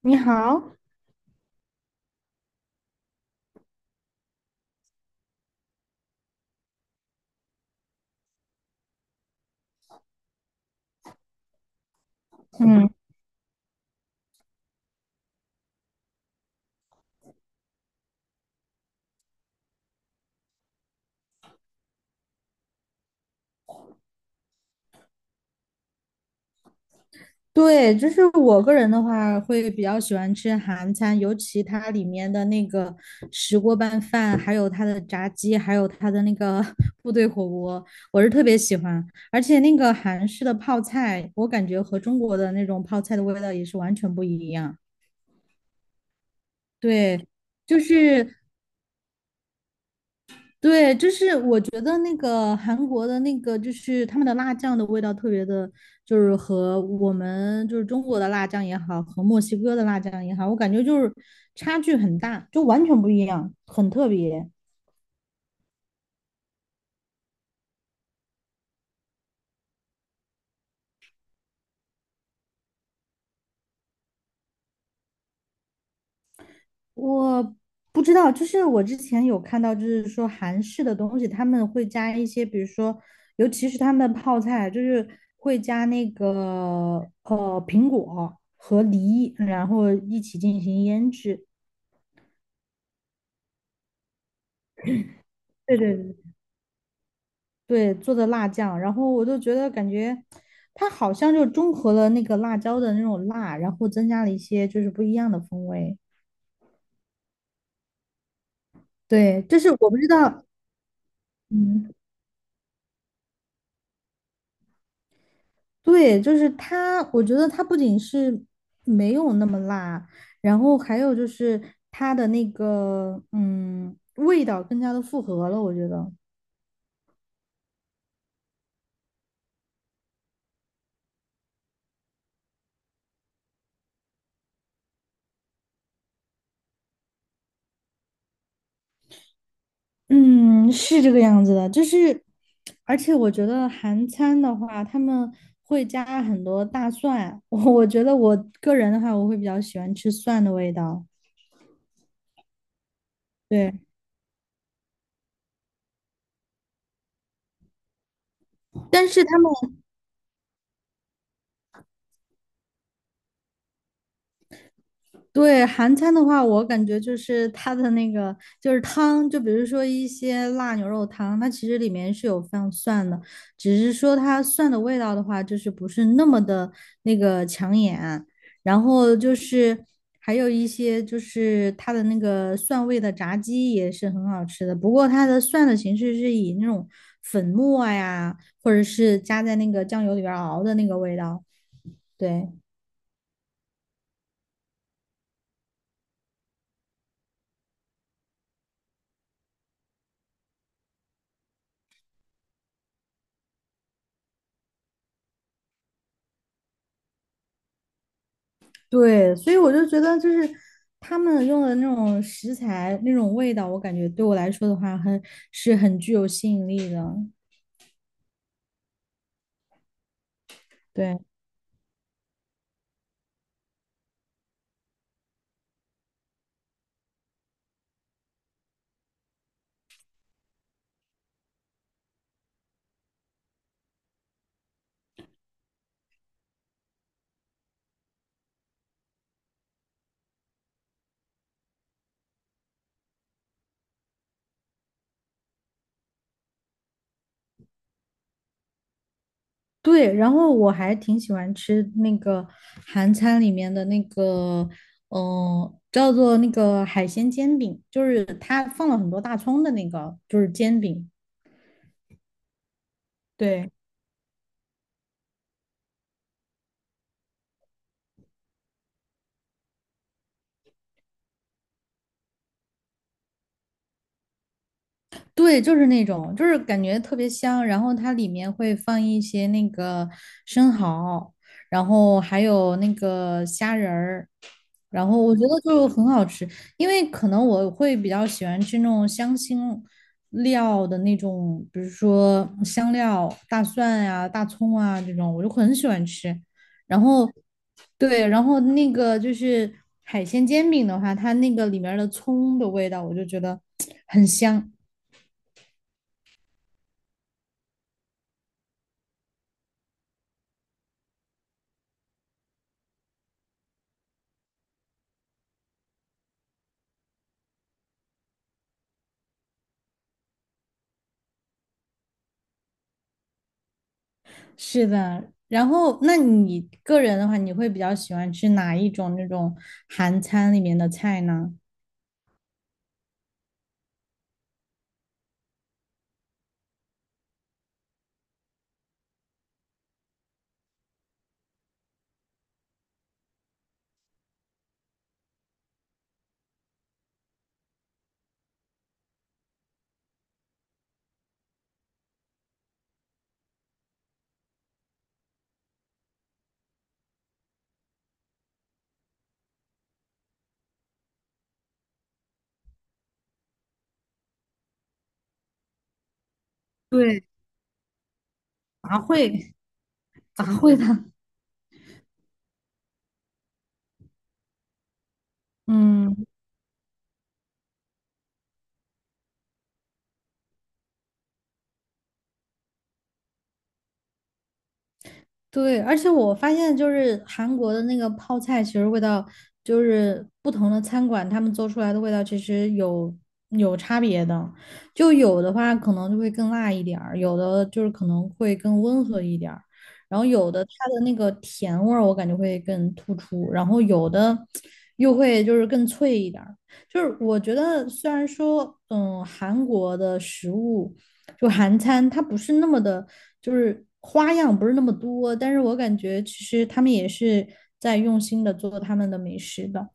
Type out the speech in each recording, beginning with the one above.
你好。嗯，对，就是我个人的话，会比较喜欢吃韩餐，尤其它里面的那个石锅拌饭，还有它的炸鸡，还有它的那个 部队火锅，我是特别喜欢。而且那个韩式的泡菜，我感觉和中国的那种泡菜的味道也是完全不一样。对，就是对，就是我觉得那个韩国的那个，就是他们的辣酱的味道特别的，就是和我们就是中国的辣酱也好，和墨西哥的辣酱也好，我感觉就是差距很大，就完全不一样，很特别。我不知道，就是我之前有看到，就是说韩式的东西他们会加一些，比如说，尤其是他们的泡菜，就是会加那个苹果和梨，然后一起进行腌制。对对对，对，做的辣酱，然后我就觉得感觉它好像就中和了那个辣椒的那种辣，然后增加了一些就是不一样的风味。对，就是我不知道。嗯，对，就是它，我觉得它不仅是没有那么辣，然后还有就是它的那个味道更加的复合了，我觉得。嗯，是这个样子的，就是，而且我觉得韩餐的话，他们会加很多大蒜，我觉得我个人的话，我会比较喜欢吃蒜的味道。对，但是他们。对，韩餐的话，我感觉就是它的那个就是汤，就比如说一些辣牛肉汤，它其实里面是有放蒜的，只是说它蒜的味道的话，就是不是那么的那个抢眼。然后就是还有一些就是它的那个蒜味的炸鸡也是很好吃的，不过它的蒜的形式是以那种粉末呀，或者是加在那个酱油里边儿熬的那个味道。对。对，所以我就觉得，就是他们用的那种食材、那种味道，我感觉对我来说的话很，是很具有吸引力的。对对，然后我还挺喜欢吃那个韩餐里面的那个，嗯、叫做那个海鲜煎饼，就是他放了很多大葱的那个，就是煎饼。对。对，就是那种，就是感觉特别香。然后它里面会放一些那个生蚝，然后还有那个虾仁儿，然后我觉得就很好吃。因为可能我会比较喜欢吃那种香辛料的那种，比如说香料、大蒜呀、大葱啊这种，我就很喜欢吃。然后，对，然后那个就是海鲜煎饼的话，它那个里面的葱的味道，我就觉得很香。是的，然后那你个人的话，你会比较喜欢吃哪一种那种韩餐里面的菜呢？对，杂烩，杂烩的。嗯，对，而且我发现就是韩国的那个泡菜，其实味道就是不同的餐馆他们做出来的味道其实有差别的，就有的话可能就会更辣一点儿，有的就是可能会更温和一点儿，然后有的它的那个甜味儿我感觉会更突出，然后有的又会就是更脆一点儿。就是我觉得虽然说，嗯，韩国的食物。就韩餐它不是那么的，就是花样不是那么多，但是我感觉其实他们也是在用心的做他们的美食的。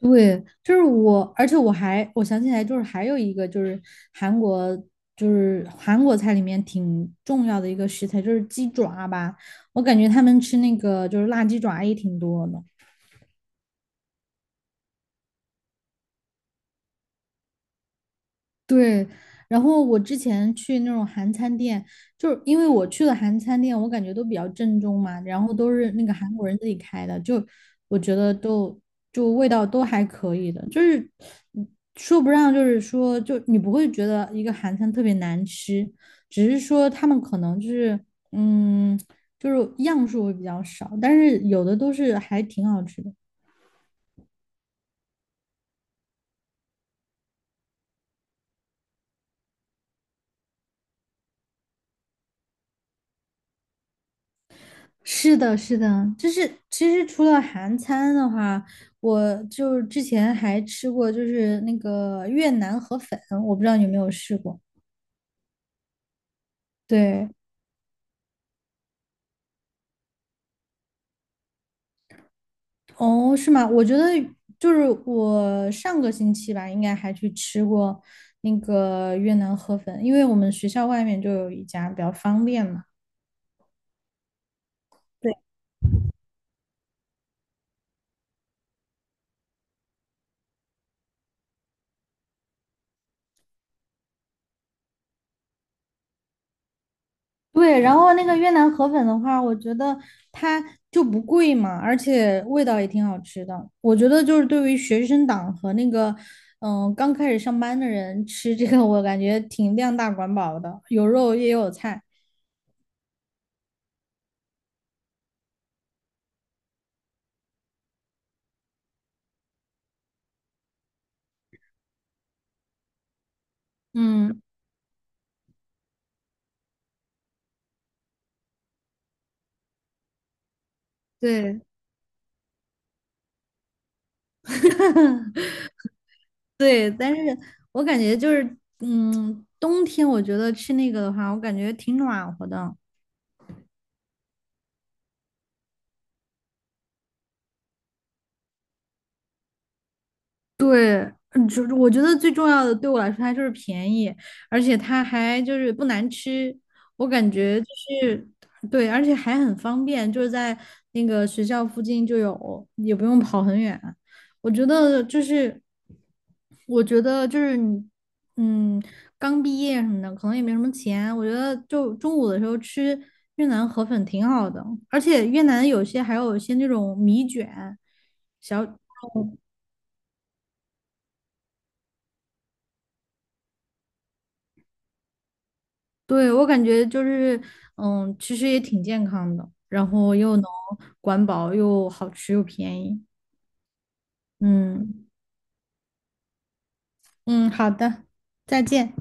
对，就是我，而且我想起来，就是还有一个就是韩国，就是韩国菜里面挺重要的一个食材，就是鸡爪吧。我感觉他们吃那个就是辣鸡爪也挺多的。对，然后我之前去那种韩餐店，就是因为我去的韩餐店，我感觉都比较正宗嘛，然后都是那个韩国人自己开的，就我觉得都就味道都还可以的，就是嗯说不上，就是说就你不会觉得一个韩餐特别难吃，只是说他们可能就是嗯，就是样数会比较少，但是有的都是还挺好吃的。是的，是的，就是其实除了韩餐的话，我就是之前还吃过，就是那个越南河粉，我不知道你有没有试过。对，哦，是吗？我觉得就是我上个星期吧，应该还去吃过那个越南河粉，因为我们学校外面就有一家，比较方便嘛。对。对，然后那个越南河粉的话，我觉得它就不贵嘛，而且味道也挺好吃的。我觉得就是对于学生党和那个刚开始上班的人吃这个，我感觉挺量大管饱的，有肉也有菜。嗯，对对，但是我感觉就是冬天我觉得吃那个的话，我感觉挺暖和的。对，嗯，就是我觉得最重要的对我来说，它就是便宜，而且它还就是不难吃，我感觉就是对，而且还很方便，就是在那个学校附近就有，也不用跑很远。我觉得就是，我觉得就是你嗯，刚毕业什么的，可能也没什么钱，我觉得就中午的时候吃越南河粉挺好的，而且越南有些还有一些那种米卷。小。对，我感觉就是，嗯，其实也挺健康的，然后又能管饱，又好吃又便宜。嗯嗯，好的，再见。